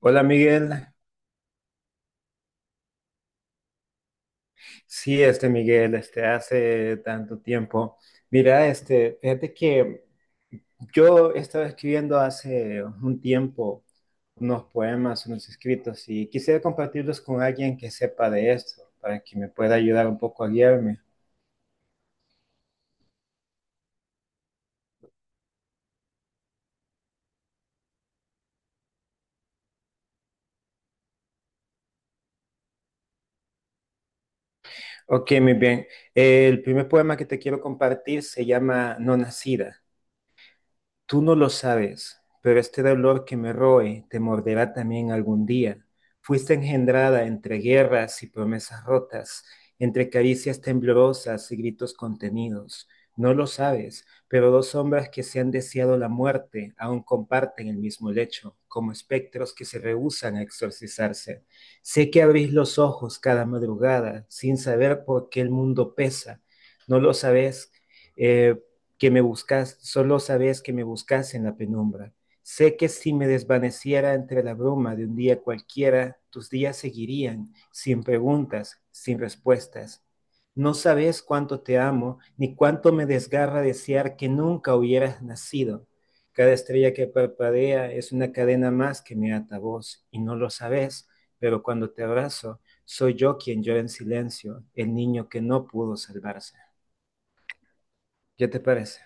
Hola Miguel, sí, Miguel, hace tanto tiempo. Mira, fíjate que yo estaba escribiendo hace un tiempo unos poemas, unos escritos y quisiera compartirlos con alguien que sepa de esto, para que me pueda ayudar un poco a guiarme. Ok, muy bien. El primer poema que te quiero compartir se llama No Nacida. Tú no lo sabes, pero este dolor que me roe te morderá también algún día. Fuiste engendrada entre guerras y promesas rotas, entre caricias temblorosas y gritos contenidos. No lo sabes, pero dos sombras que se han deseado la muerte aún comparten el mismo lecho, como espectros que se rehúsan a exorcizarse. Sé que abrís los ojos cada madrugada sin saber por qué el mundo pesa. No lo sabes, eh, que me buscas, solo sabes que me buscas en la penumbra. Sé que si me desvaneciera entre la bruma de un día cualquiera, tus días seguirían, sin preguntas, sin respuestas. No sabes cuánto te amo, ni cuánto me desgarra desear que nunca hubieras nacido. Cada estrella que parpadea es una cadena más que me ata a vos, y no lo sabes, pero cuando te abrazo, soy yo quien llora en silencio, el niño que no pudo salvarse. ¿Qué te parece?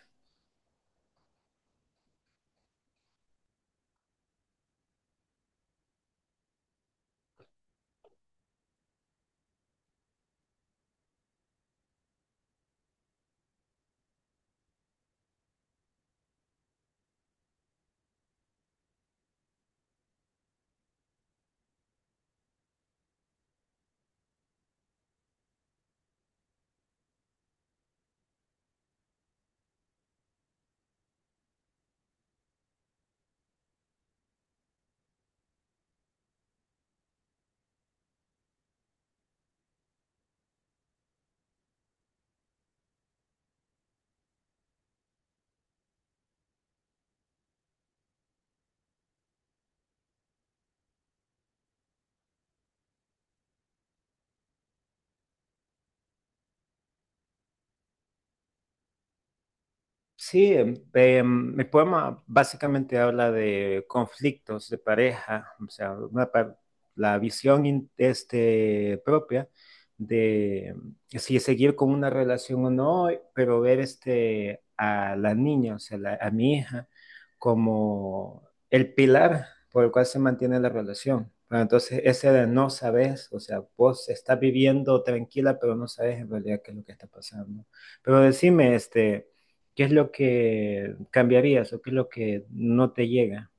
Sí, mi poema básicamente habla de conflictos de pareja, o sea, la visión propia de si seguir con una relación o no, pero ver a la niña, o sea, a mi hija, como el pilar por el cual se mantiene la relación. Pero entonces, ese de no sabes, o sea, vos estás viviendo tranquila, pero no sabes en realidad qué es lo que está pasando. Pero decime, ¿Qué es lo que cambiarías o qué es lo que no te llega?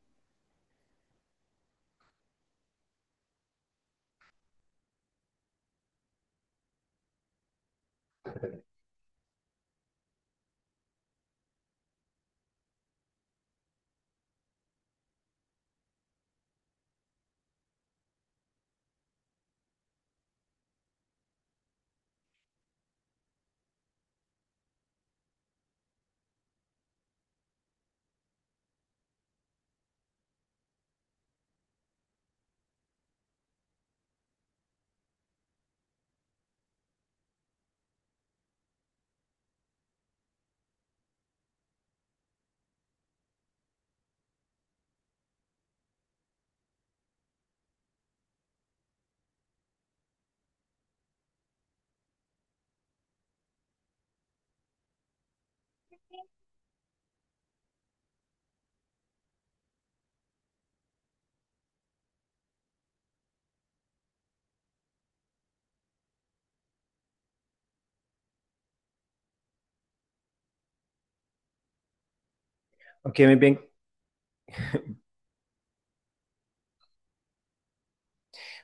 Ok, muy bien.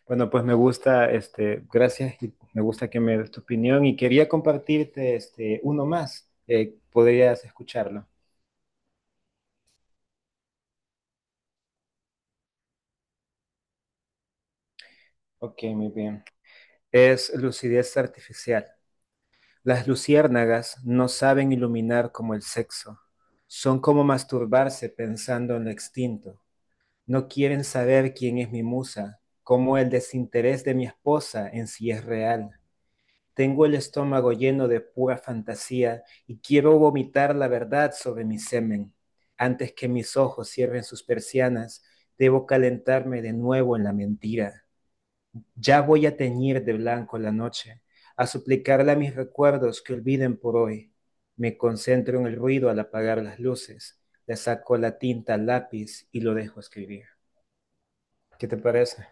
Bueno, pues me gusta, gracias y me gusta que me des tu opinión y quería compartirte uno más. Podrías escucharlo. Ok, muy bien. Es lucidez artificial. Las luciérnagas no saben iluminar como el sexo. Son como masturbarse pensando en lo extinto. No quieren saber quién es mi musa, cómo el desinterés de mi esposa en sí es real. Tengo el estómago lleno de pura fantasía y quiero vomitar la verdad sobre mi semen. Antes que mis ojos cierren sus persianas, debo calentarme de nuevo en la mentira. Ya voy a teñir de blanco la noche, a suplicarle a mis recuerdos que olviden por hoy. Me concentro en el ruido al apagar las luces, le saco la tinta al lápiz y lo dejo escribir. ¿Qué te parece?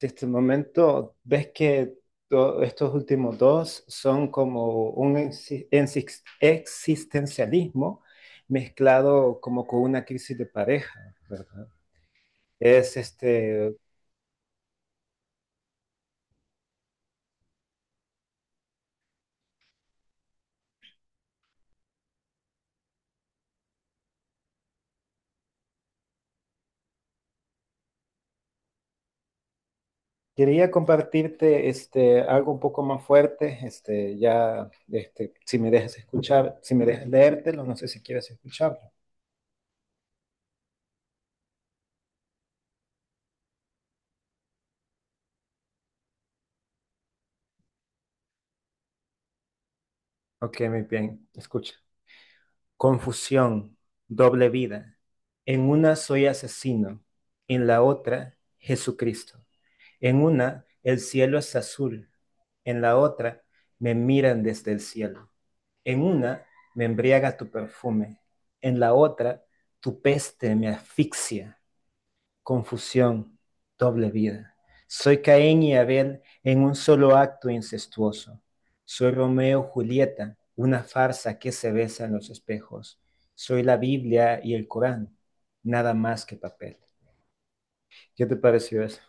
De este momento ves que estos últimos dos son como un existencialismo mezclado como con una crisis de pareja, ¿verdad? Es quería compartirte algo un poco más fuerte, ya, si me dejas escuchar, si me dejas leértelo, no sé si quieres escucharlo. Ok, muy bien, escucha. Confusión, doble vida. En una soy asesino, en la otra Jesucristo. En una el cielo es azul, en la otra me miran desde el cielo. En una me embriaga tu perfume, en la otra tu peste me asfixia confusión, doble vida. Soy Caín y Abel en un solo acto incestuoso. Soy Romeo y Julieta, una farsa que se besa en los espejos. Soy la Biblia y el Corán, nada más que papel. ¿Qué te pareció eso?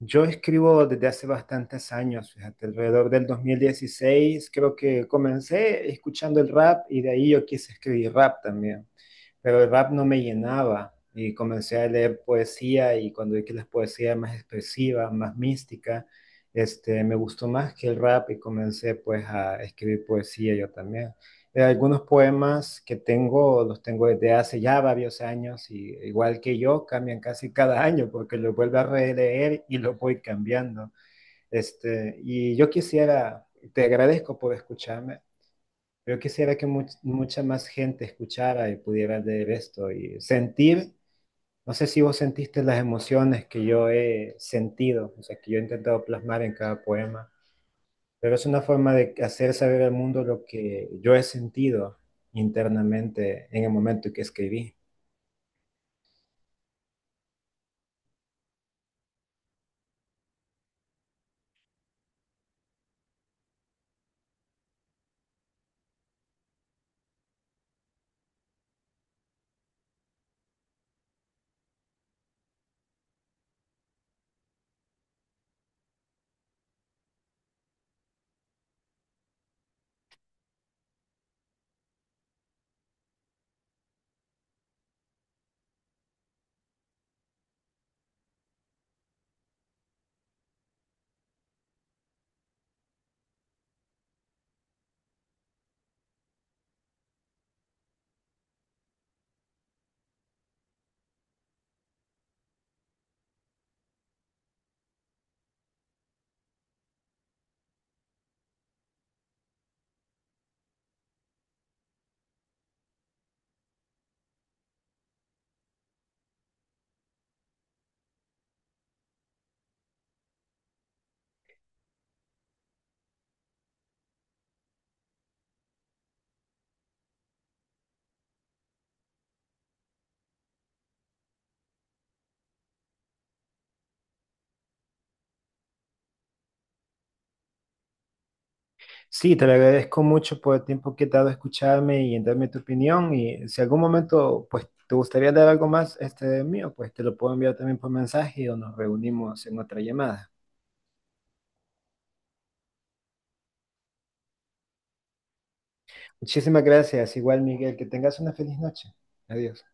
Yo escribo desde hace bastantes años, fíjate, alrededor del 2016 creo que comencé escuchando el rap y de ahí yo quise escribir rap también. Pero el rap no me llenaba y comencé a leer poesía y cuando vi que la poesía era más expresiva, más mística, me gustó más que el rap y comencé pues a escribir poesía yo también. Algunos poemas que tengo los tengo desde hace ya varios años y igual que yo cambian casi cada año porque los vuelvo a releer y los voy cambiando. Y yo quisiera, te agradezco por escucharme. Yo quisiera que mucha más gente escuchara y pudiera leer esto y sentir, no sé si vos sentiste las emociones que yo he sentido, o sea, que yo he intentado plasmar en cada poema, pero es una forma de hacer saber al mundo lo que yo he sentido internamente en el momento que escribí. Sí, te lo agradezco mucho por el tiempo que te ha dado a escucharme y en darme tu opinión y si algún momento pues te gustaría dar algo más este mío, pues te lo puedo enviar también por mensaje o nos reunimos en otra llamada. Muchísimas gracias. Igual, Miguel, que tengas una feliz noche. Adiós.